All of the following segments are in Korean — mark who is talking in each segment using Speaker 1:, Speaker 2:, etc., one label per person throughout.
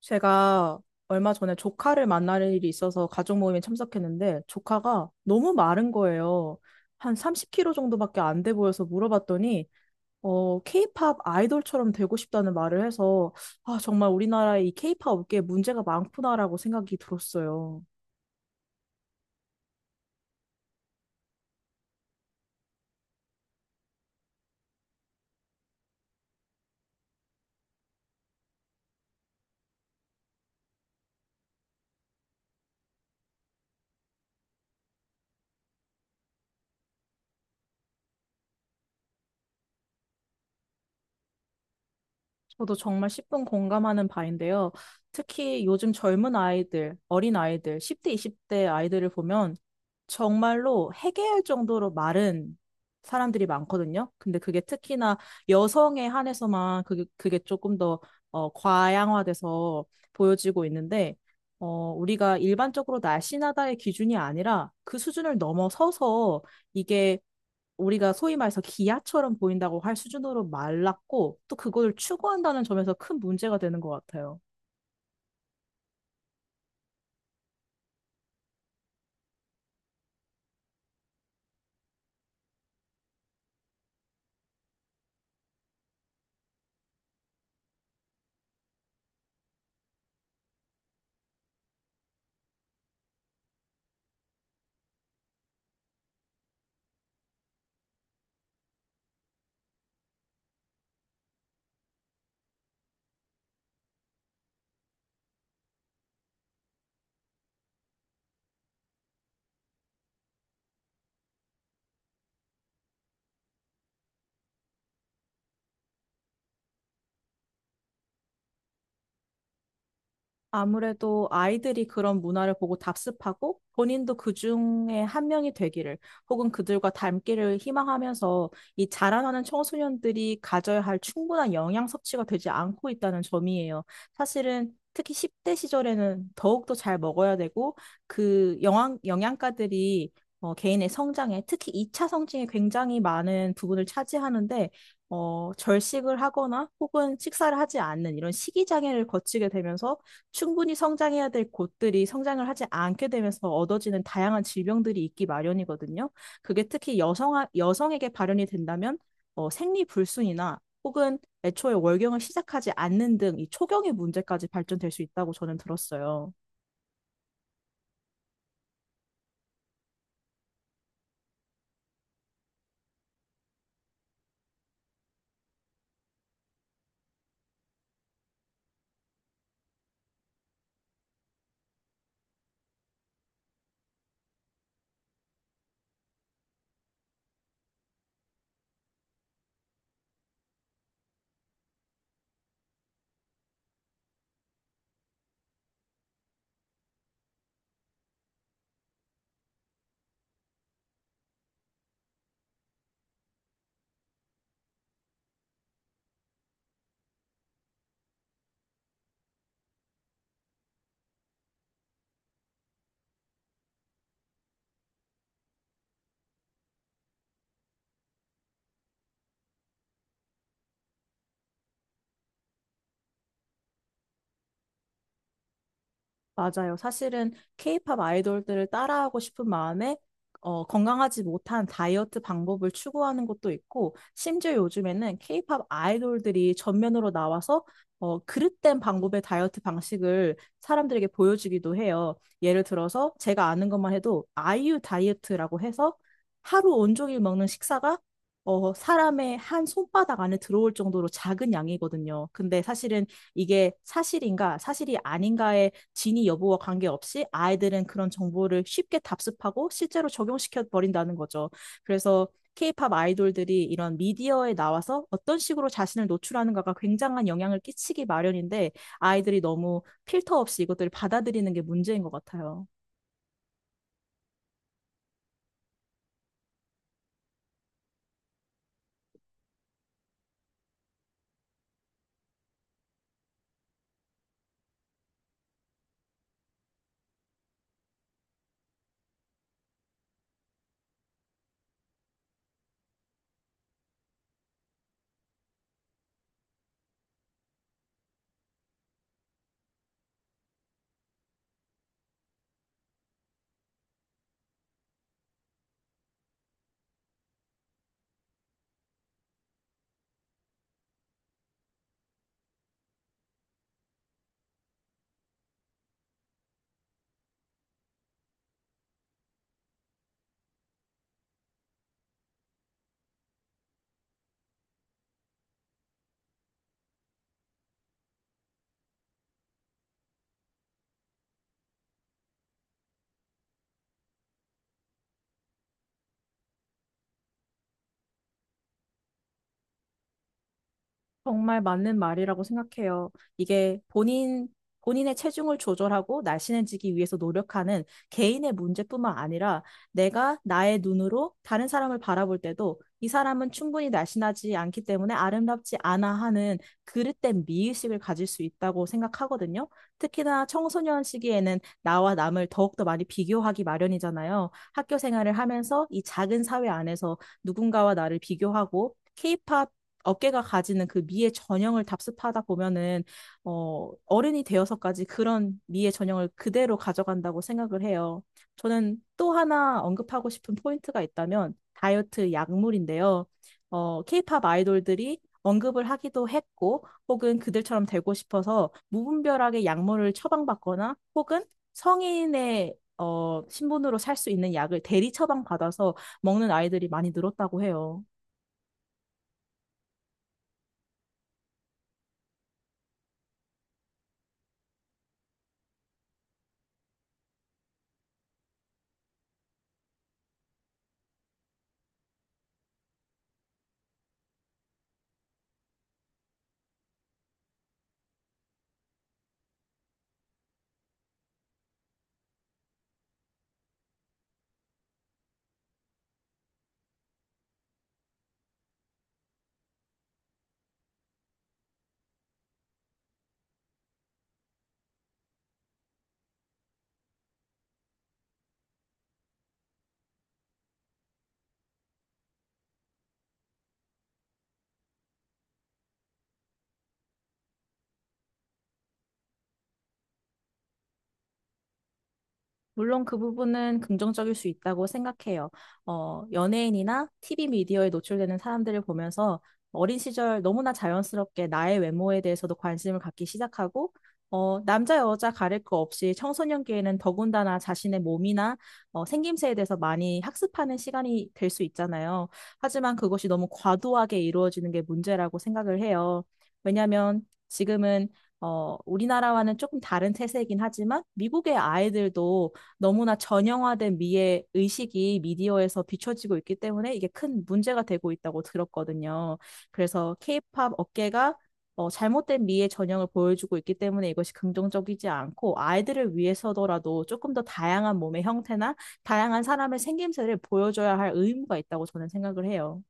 Speaker 1: 제가 얼마 전에 조카를 만날 일이 있어서 가족 모임에 참석했는데 조카가 너무 마른 거예요. 한 30kg 정도밖에 안 돼 보여서 물어봤더니 케이팝 아이돌처럼 되고 싶다는 말을 해서 정말 우리나라의 이 케이팝 업계에 문제가 많구나라고 생각이 들었어요. 저도 정말 10분 공감하는 바인데요. 특히 요즘 젊은 아이들, 어린 아이들, 10대, 20대 아이들을 보면 정말로 해괴할 정도로 마른 사람들이 많거든요. 근데 그게 특히나 여성에 한해서만 그게 조금 더 과양화돼서 보여지고 있는데, 우리가 일반적으로 날씬하다의 기준이 아니라 그 수준을 넘어서서 이게 우리가 소위 말해서 기아처럼 보인다고 할 수준으로 말랐고 또 그걸 추구한다는 점에서 큰 문제가 되는 것 같아요. 아무래도 아이들이 그런 문화를 보고 답습하고 본인도 그 중에 한 명이 되기를 혹은 그들과 닮기를 희망하면서 이 자라나는 청소년들이 가져야 할 충분한 영양 섭취가 되지 않고 있다는 점이에요. 사실은 특히 10대 시절에는 더욱더 잘 먹어야 되고 그 영양가들이 개인의 성장에 특히 2차 성징에 굉장히 많은 부분을 차지하는데 절식을 하거나 혹은 식사를 하지 않는 이런 식이장애를 거치게 되면서 충분히 성장해야 될 곳들이 성장을 하지 않게 되면서 얻어지는 다양한 질병들이 있기 마련이거든요. 그게 특히 여성에게 발현이 된다면 생리불순이나 혹은 애초에 월경을 시작하지 않는 등 이 초경의 문제까지 발전될 수 있다고 저는 들었어요. 맞아요. 사실은 케이팝 아이돌들을 따라하고 싶은 마음에 건강하지 못한 다이어트 방법을 추구하는 것도 있고, 심지어 요즘에는 케이팝 아이돌들이 전면으로 나와서 그릇된 방법의 다이어트 방식을 사람들에게 보여주기도 해요. 예를 들어서 제가 아는 것만 해도 아이유 다이어트라고 해서 하루 온종일 먹는 식사가 사람의 한 손바닥 안에 들어올 정도로 작은 양이거든요. 근데 사실은 이게 사실인가, 사실이 아닌가에 진위 여부와 관계없이 아이들은 그런 정보를 쉽게 답습하고 실제로 적용시켜 버린다는 거죠. 그래서 케이팝 아이돌들이 이런 미디어에 나와서 어떤 식으로 자신을 노출하는가가 굉장한 영향을 끼치기 마련인데 아이들이 너무 필터 없이 이것들을 받아들이는 게 문제인 것 같아요. 정말 맞는 말이라고 생각해요. 이게 본인, 본인의 체중을 조절하고 날씬해지기 위해서 노력하는 개인의 문제뿐만 아니라 내가 나의 눈으로 다른 사람을 바라볼 때도 이 사람은 충분히 날씬하지 않기 때문에 아름답지 않아 하는 그릇된 미의식을 가질 수 있다고 생각하거든요. 특히나 청소년 시기에는 나와 남을 더욱더 많이 비교하기 마련이잖아요. 학교 생활을 하면서 이 작은 사회 안에서 누군가와 나를 비교하고 케이팝 어깨가 가지는 그 미의 전형을 답습하다 보면은 어른이 되어서까지 그런 미의 전형을 그대로 가져간다고 생각을 해요. 저는 또 하나 언급하고 싶은 포인트가 있다면 다이어트 약물인데요. 케이팝 아이돌들이 언급을 하기도 했고 혹은 그들처럼 되고 싶어서 무분별하게 약물을 처방받거나 혹은 성인의 신분으로 살 수 있는 약을 대리 처방받아서 먹는 아이들이 많이 늘었다고 해요. 물론 그 부분은 긍정적일 수 있다고 생각해요. 연예인이나 TV 미디어에 노출되는 사람들을 보면서 어린 시절 너무나 자연스럽게 나의 외모에 대해서도 관심을 갖기 시작하고, 남자, 여자 가릴 거 없이 청소년기에는 더군다나 자신의 몸이나 생김새에 대해서 많이 학습하는 시간이 될 수 있잖아요. 하지만 그것이 너무 과도하게 이루어지는 게 문제라고 생각을 해요. 왜냐하면 지금은 우리나라와는 조금 다른 태세이긴 하지만 미국의 아이들도 너무나 전형화된 미의 의식이 미디어에서 비춰지고 있기 때문에 이게 큰 문제가 되고 있다고 들었거든요. 그래서 케이팝 업계가 잘못된 미의 전형을 보여주고 있기 때문에 이것이 긍정적이지 않고 아이들을 위해서더라도 조금 더 다양한 몸의 형태나 다양한 사람의 생김새를 보여줘야 할 의무가 있다고 저는 생각을 해요.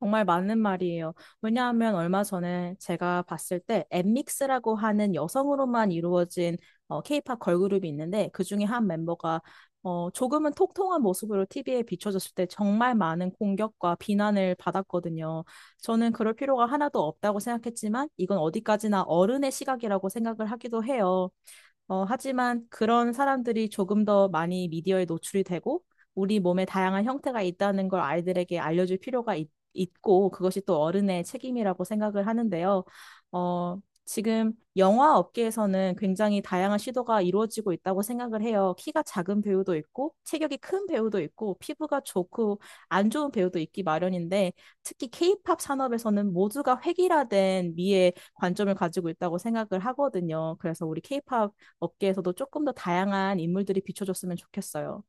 Speaker 1: 정말 맞는 말이에요. 왜냐하면 얼마 전에 제가 봤을 때 엠믹스라고 하는 여성으로만 이루어진 케이팝 걸그룹이 있는데 그중에 한 멤버가 조금은 통통한 모습으로 TV에 비춰졌을 때 정말 많은 공격과 비난을 받았거든요. 저는 그럴 필요가 하나도 없다고 생각했지만 이건 어디까지나 어른의 시각이라고 생각을 하기도 해요. 하지만 그런 사람들이 조금 더 많이 미디어에 노출이 되고 우리 몸에 다양한 형태가 있다는 걸 아이들에게 알려줄 필요가 있고 그것이 또 어른의 책임이라고 생각을 하는데요. 어, 지금 영화 업계에서는 굉장히 다양한 시도가 이루어지고 있다고 생각을 해요. 키가 작은 배우도 있고 체격이 큰 배우도 있고 피부가 좋고 안 좋은 배우도 있기 마련인데 특히 케이팝 산업에서는 모두가 획일화된 미의 관점을 가지고 있다고 생각을 하거든요. 그래서 우리 케이팝 업계에서도 조금 더 다양한 인물들이 비춰줬으면 좋겠어요.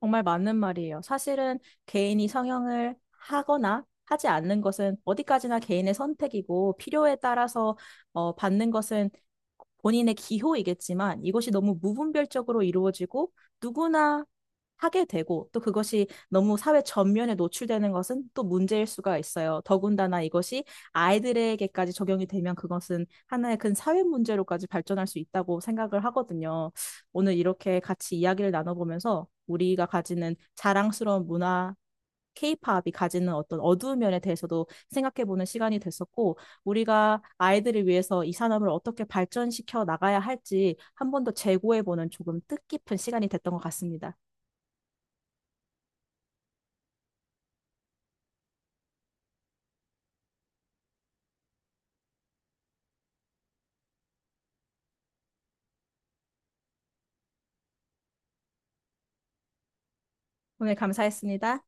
Speaker 1: 정말 맞는 말이에요. 사실은 개인이 성형을 하거나 하지 않는 것은 어디까지나 개인의 선택이고 필요에 따라서 받는 것은 본인의 기호이겠지만 이것이 너무 무분별적으로 이루어지고 누구나 하게 되고 또 그것이 너무 사회 전면에 노출되는 것은 또 문제일 수가 있어요. 더군다나 이것이 아이들에게까지 적용이 되면 그것은 하나의 큰 사회 문제로까지 발전할 수 있다고 생각을 하거든요. 오늘 이렇게 같이 이야기를 나눠보면서 우리가 가지는 자랑스러운 문화, 케이팝이 가지는 어떤 어두운 면에 대해서도 생각해보는 시간이 됐었고, 우리가 아이들을 위해서 이 산업을 어떻게 발전시켜 나가야 할지 한 번 더 재고해보는 조금 뜻깊은 시간이 됐던 것 같습니다. 오늘 감사했습니다.